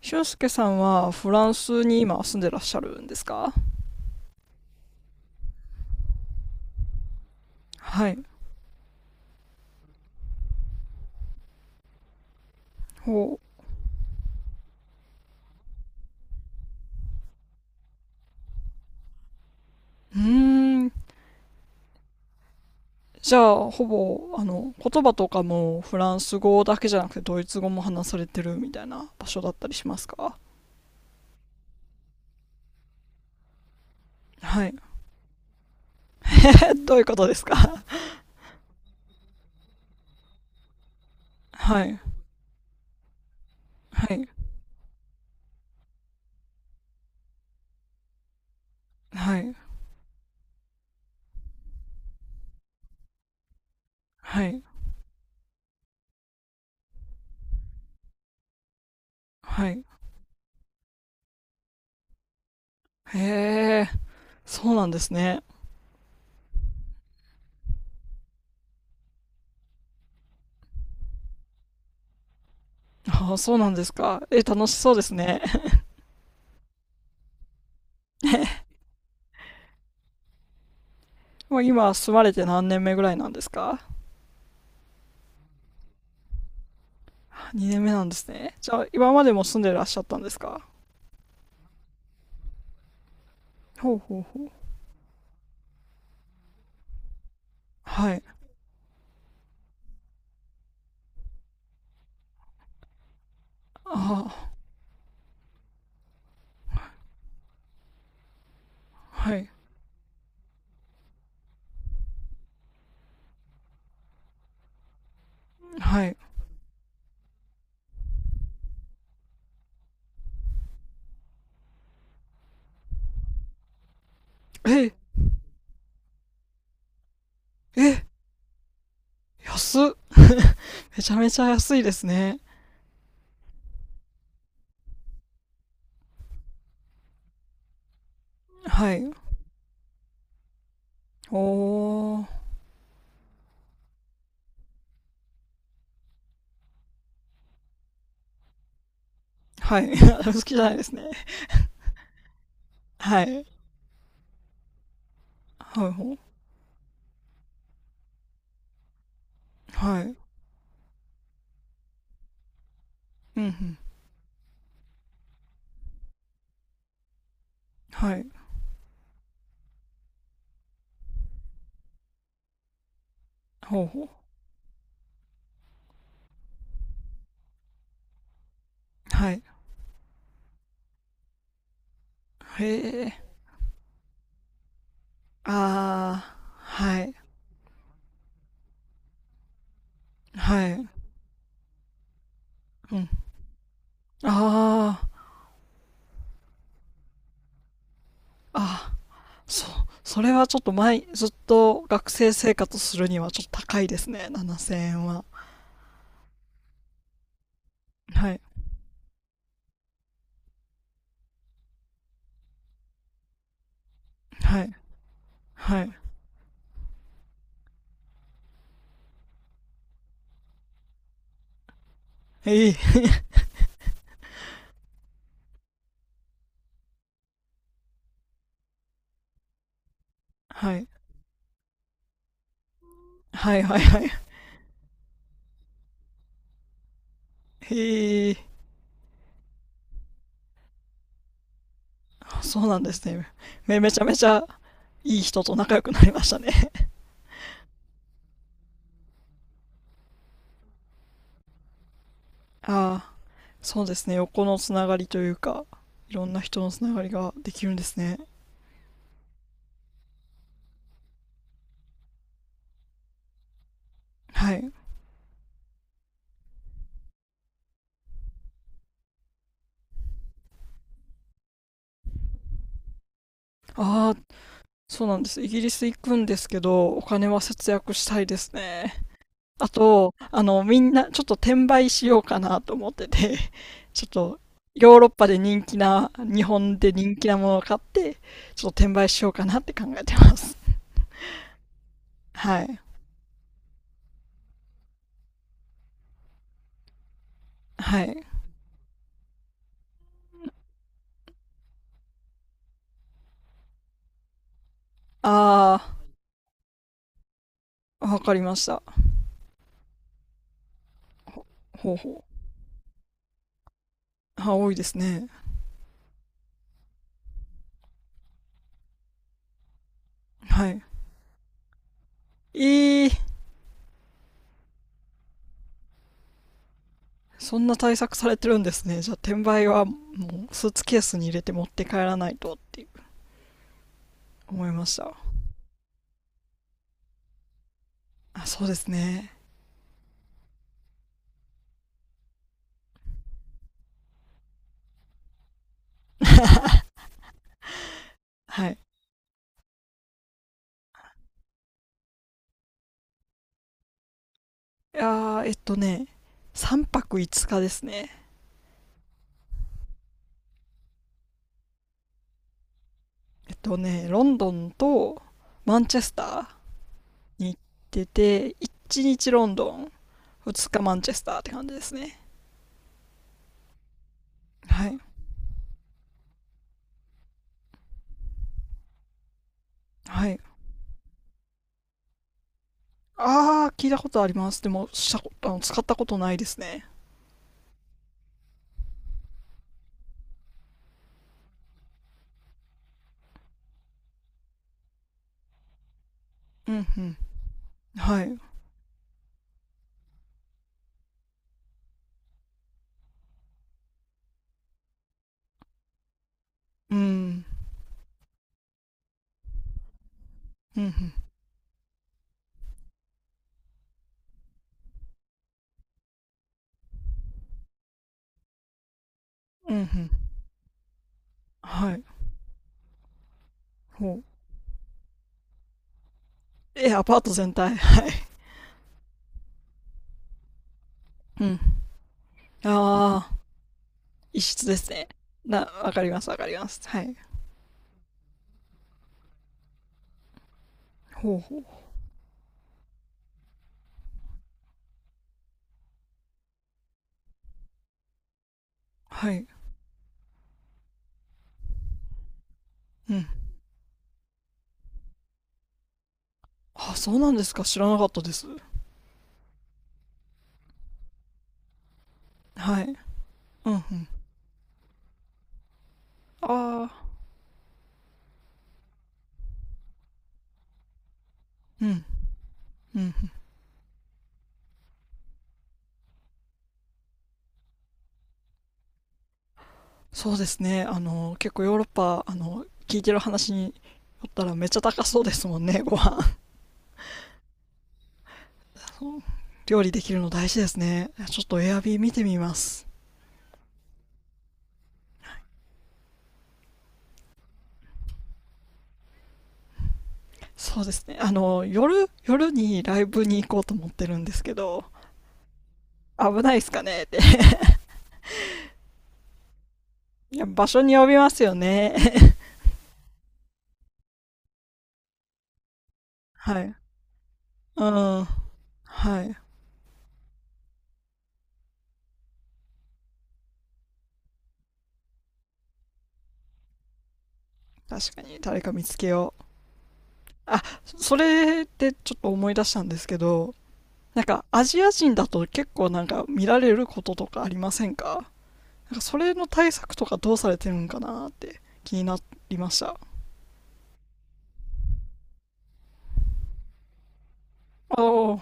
俊介さんはフランスに今住んでらっしゃるんですか？はい。ほう。うーん。じゃあ、ほぼ、言葉とかもフランス語だけじゃなくてドイツ語も話されてるみたいな場所だったりしますか？はい。どういうことですか？はい。はい。はい。はい。はい。へえ、そうなんですね。ああ、そうなんですか。え、楽しそうですね。もう今住まれて何年目ぐらいなんですか？2年目なんですね。じゃあ、今までも住んでらっしゃったんですか？ほうほうほう。はい。ああ、はい。はい。え、え、安っ。めちゃめちゃ安いですね。はい。おー。はい。好きじゃないですね。はい。はいほう。はい。うんうん。はい。ほうほう。はい。へえ。ああ。はい。はい。うん。ああ。ああ。そそれはちょっと前、ずっと学生生活するにはちょっと高いですね、7000円は。はい、はい、はい。ええ。 はい、はい、はい、はい。ええ、そうなんですね。めちゃめちゃいい人と仲良くなりましたね。ああ、そうですね、横のつながりというか、いろんな人のつながりができるんですね。はい。ああ、そうなんです。イギリス行くんですけど、お金は節約したいですね。あと、みんな、ちょっと転売しようかなと思ってて、ちょっと、ヨーロッパで人気な、日本で人気なものを買って、ちょっと転売しようかなって考えてます。はい。はい。あー、わかりました。ほうほう。あ、多いですね。はい。えー、そんな対策されてるんですね。じゃあ、転売は、もう、スーツケースに入れて持って帰らないとっていう思いました。あ、そうですね。はい。いやー、3泊5日ですね。ロンドンとマンチェスターに行ってて、1日ロンドン、2日マンチェスターって感じですね。はい。はい。あー、聞いたことあります。でも、したこと、あの、使ったことないですね。うん、うん。はい。うん。うん、うん。うん、うん。はい。ほう。え、アパート全体。はい。うん。あー、一室ですね。わかります、わかります。はい。ほうほう。はい。うん。あ、そうなんですか。知らなかったです。はい。うんうん。ああ、うん、うんうん。そうですね。結構ヨーロッパ、聞いてる話によったらめっちゃ高そうですもんね、ご飯。そう、料理できるの大事ですね。ちょっとエアビー見てみます。そうですね。夜にライブに行こうと思ってるんですけど、危ないですかねって。いや、場所に呼びますよね。はい。うん。はい。確かに、誰か見つけよう。あ、それでちょっと思い出したんですけど、なんかアジア人だと結構なんか見られることとかありませんか？なんかそれの対策とかどうされてるんかなって気になりました。おお、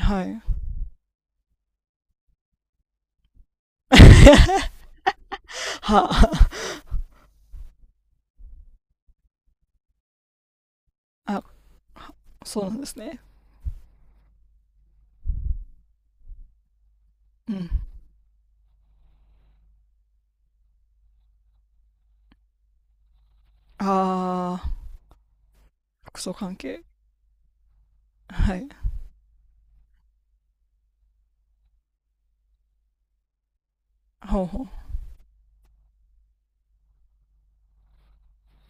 はい。は、あ、そうなんですね。うん。ああ、服装関係。はい。ほうほ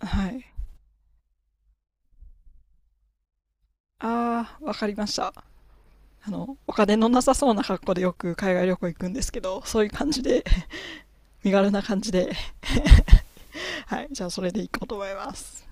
う。はい。ああ、わかりました。お金のなさそうな格好でよく海外旅行行くんですけど、そういう感じで、身軽な感じで。 はい、じゃあそれでいこうと思います。